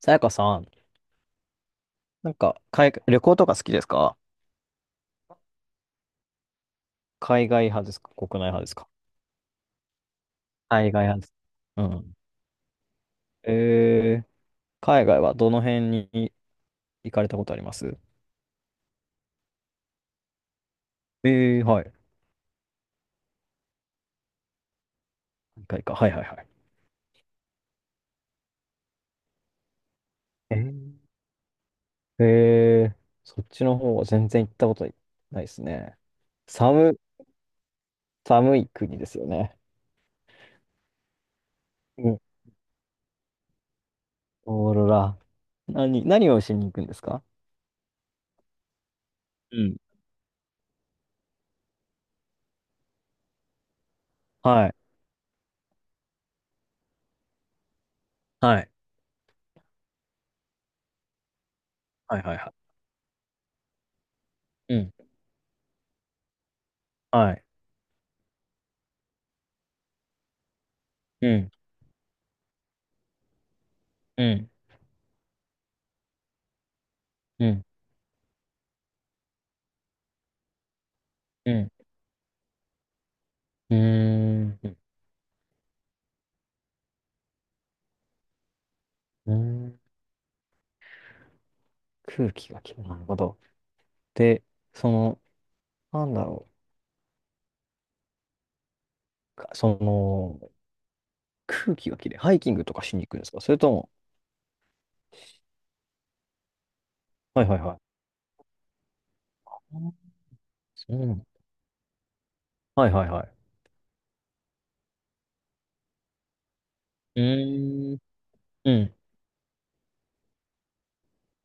さやかさん、なんか、海外、旅行とか好きですか？海外派ですか、国内派ですか？海外派です。うん。えー、海外はどの辺に行かれたことあります？はい。何回か。はいはいはい。えー、えーそっちの方は全然行ったことないですね。寒、寒い国ですよね。うん。オーロラ。何をしに行くんですか？うん。はい。はい。はいはいはい。うん。はい。うん。うん。うん。うん。うーん。うーん、空気がきれい。なるほど。で、その、なんだろう。かその、空気がきれい。ハイキングとかしに行くんですか、それとも？はいはいはい。あ、そうなの？はいはいはい。うーん、うん、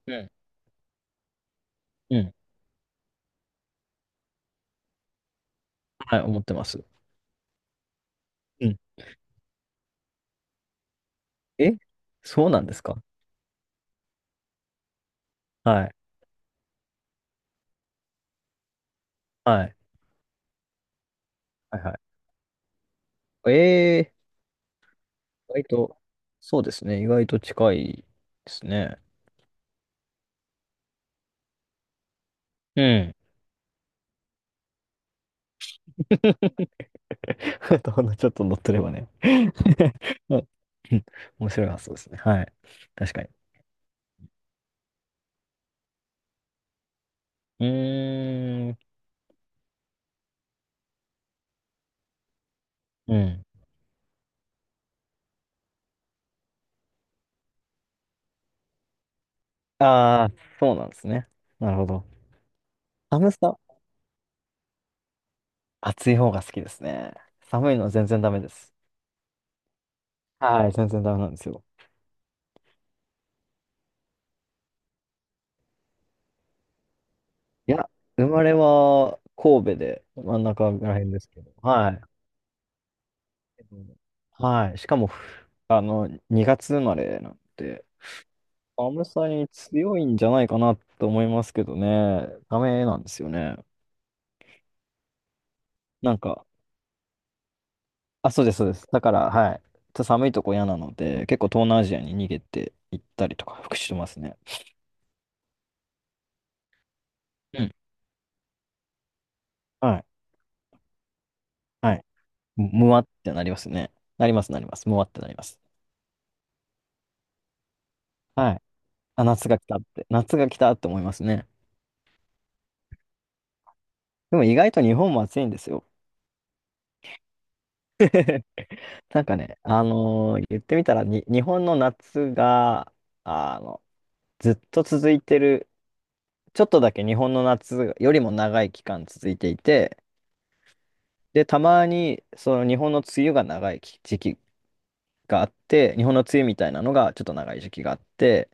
うん、うん。はい、思ってます。うん。え、そうなんですか？はい、はい、はいはい。意外と、そうですね。意外と近いですね。うん。とほんのちょっと乗ってればね。うん、面白い発想ですね。はい。確かに。うーん。うん。ああ、そうなんですね。なるほど。寒さ、暑い方が好きですね。寒いのは全然ダメです。はい、全然ダメなんですよ。いや、生まれは神戸で、真ん中らへんですけど。はい。はい。しかも、ふあの、2月生まれなんで、アムサに強いんじゃないかなと思いますけどね。ダメなんですよね。なんか、あ、そうです、そうです。だから、はい。ちょっと寒いとこ嫌なので、結構東南アジアに逃げて行ったりとか、復してますね。うん。はい。はい。むむわってなりますね。なります、なります。むわってなります。はい。あ、夏が来たって。夏が来たって思いますね。でも意外と日本も暑いんですよ。なんかね、言ってみたらに、日本の夏が、あの、ずっと続いてる、ちょっとだけ日本の夏よりも長い期間続いていて、で、たまにその日本の梅雨が長い期時期があって、日本の梅雨みたいなのがちょっと長い時期があって、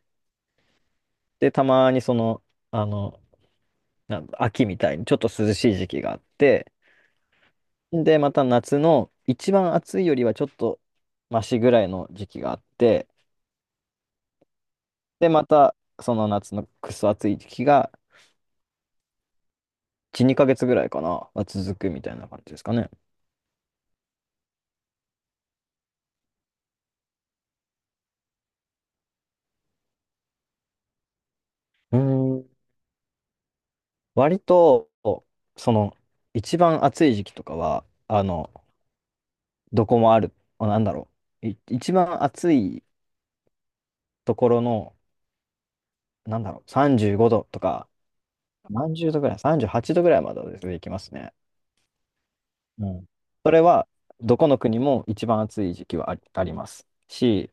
で、たまにその、あの、なん秋みたいにちょっと涼しい時期があって、で、また夏の一番暑いよりはちょっとマシぐらいの時期があって、で、またその夏のクソ暑い時期が1、2ヶ月ぐらいかな、は続くみたいな感じですかね。うーん、割と、その、一番暑い時期とかは、どこもある、あ、なんだろう、い一番暑いところの、なんだろう、35度とか、何十度ぐらい、38度ぐらいまではですね、いきますね。うん。それは、どこの国も一番暑い時期はあり、ありますし、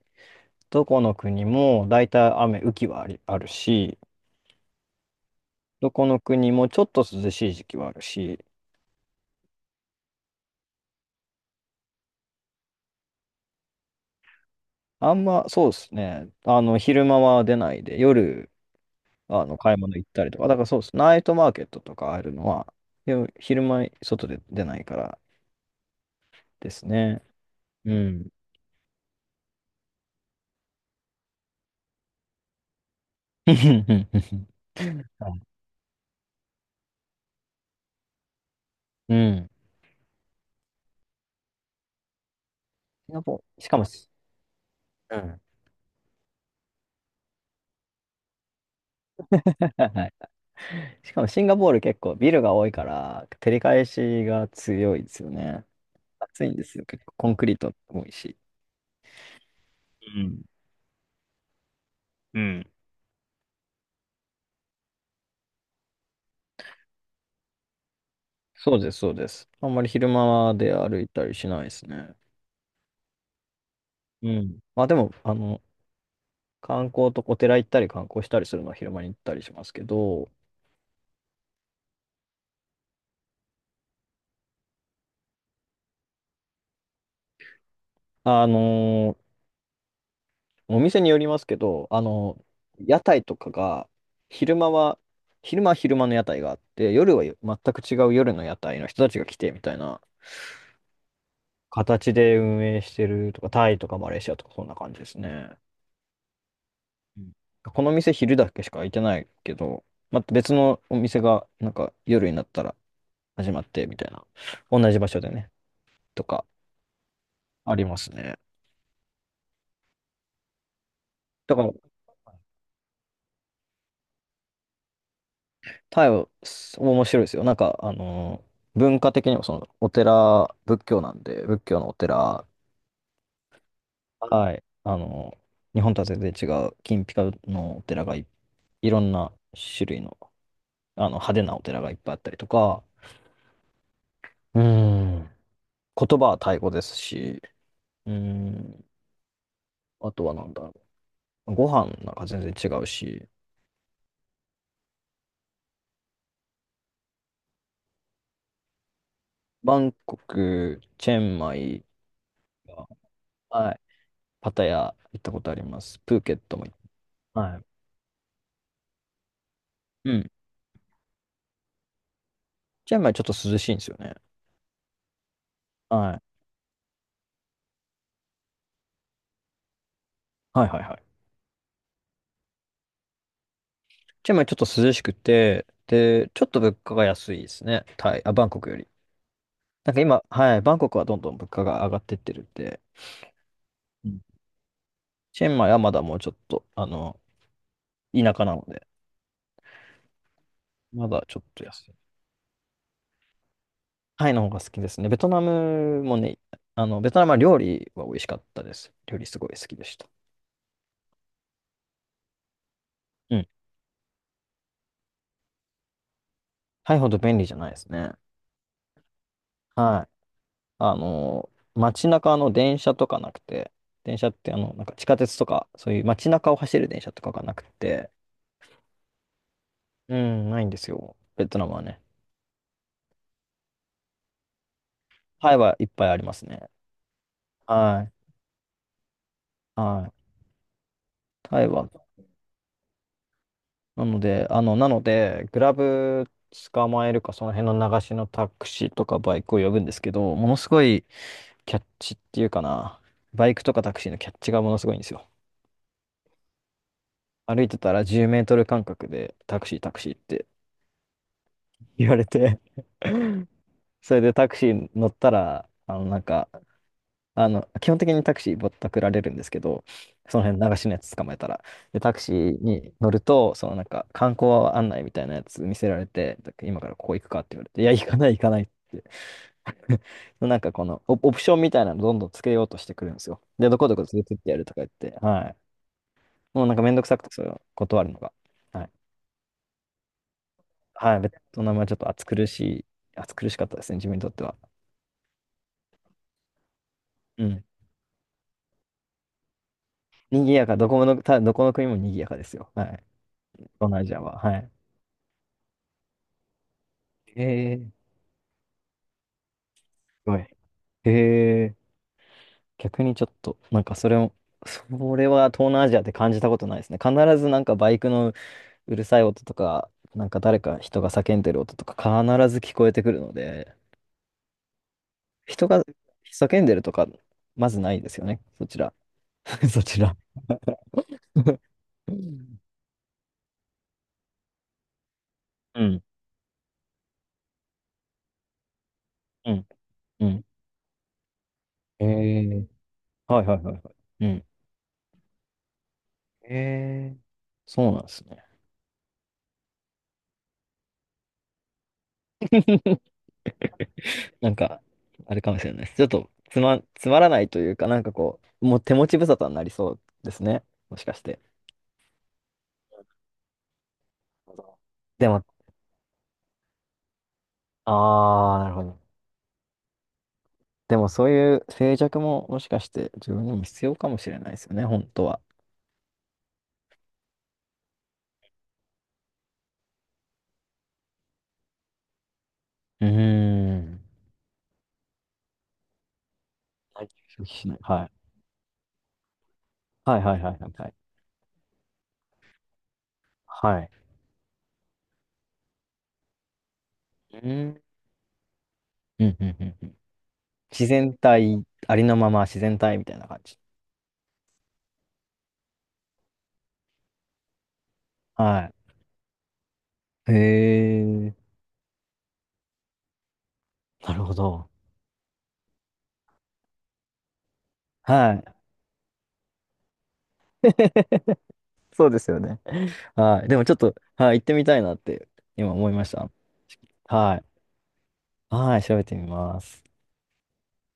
どこの国も大体雨、雨季はあり、あるし、どこの国もちょっと涼しい時期はあるし、あんま、そうですね。昼間は出ないで、夜買い物行ったりとか。だからそうです。ナイトマーケットとかあるのは、よ昼間外で出ないからですね。うん。はい、うん。シンガポール、しかもし、うん。はいはい、しかもシンガポール結構ビルが多いから、照り返しが強いですよね。暑いんですよ。結構コンクリート多いし。うん。うん。そうです、そうです。あんまり昼間で歩いたりしないですね。うん。まあでも、観光とお寺行ったり観光したりするのは昼間に行ったりしますけど、あのーお店によりますけど、屋台とかが、昼間は、昼間は昼間の屋台があって、夜は全く違う夜の屋台の人たちが来てみたいな形で運営してるとか、タイとかマレーシアとかそんな感じですね。うん、この店昼だけしか開いてないけど、また別のお店がなんか夜になったら始まってみたいな、同じ場所でね、とかありますね。だからタイはす面白いですよ。なんか、文化的にもその、お寺、仏教なんで、仏教のお寺、はい、日本とは全然違う、金ピカのお寺がい、いろんな種類の、派手なお寺がいっぱいあったりとか、うーん、言葉はタイ語ですし、うーん、あとはなんだろう、ご飯なんか全然違うし、バンコク、チェンマイ、はい、パタヤ行ったことあります。プーケットも行っ、はい。うん、チェンマイちょっと涼しいんですよね。はい。はいはいはい。チェンマイちょっと涼しくて、で、ちょっと物価が安いですね。タイ、あ、バンコクより。なんか今、はい、バンコクはどんどん物価が上がってってるんで、うん、チェンマイはまだもうちょっと、田舎なので、まだちょっと安い。タイの方が好きですね。ベトナムもね、ベトナムは料理は美味しかったです。料理すごい好きでした。うん。タイほど便利じゃないですね。はい。あの、街中の電車とかなくて、電車ってあの、なんか地下鉄とか、そういう街中を走る電車とかがなくて、うん、ないんですよ。ベトナムはね。タイはいっぱいありますね。はい。はい。タイは、なので、グラブ捕まえるか、その辺の流しのタクシーとかバイクを呼ぶんですけど、ものすごいキャッチっていうかな、バイクとかタクシーのキャッチがものすごいんですよ。歩いてたら10メートル間隔でタクシータクシーって言われて、 それでタクシー乗ったら、基本的にタクシーぼったくられるんですけど、その辺流しのやつ捕まえたら。で、タクシーに乗ると、そのなんか観光案内みたいなやつ見せられて、今からここ行くかって言われて、いや、行かない行かないって。なんかこのオプションみたいなのどんどんつけようとしてくるんですよ。で、どこどこ連れてってやるとか言って、はい。もうなんかめんどくさくて、それを断るのが。はい。はい。ベトナムはちょっと暑苦しい、暑苦しかったですね、自分にとっては。うん。賑やか、どこの国も賑やかですよ。はい。東南アジアは。はい。へえ、すごい。へえ、逆にちょっと、なんかそれも、それは東南アジアって感じたことないですね。必ずなんかバイクのうるさい音とか、なんか誰か人が叫んでる音とか必ず聞こえてくるので、人が叫んでるとか、まずないですよね。そちら。そちら。うん、うん、うん。うん、へえ、はいはいはいはい。うん。へえ、そうなんですね。なんか、あれかもしれないです。ちょっとつまらないというか、なんかこう、もう手持ち無沙汰になりそうですね。もしかして。でも、ああ、なるほど。でもそういう静寂ももしかして自分にも必要かもしれないですよね、本当は。うーん。はい。消費しない。はい。はいはいはいはいはい。はい。うーん。うんうんうんうん。自然体、ありのまま自然体みたいな感じ。はい。へえ。なるほど。はい。そうですよね。はい。でもちょっと、はい、行ってみたいなって今思いました。はい。はい、調べてみます。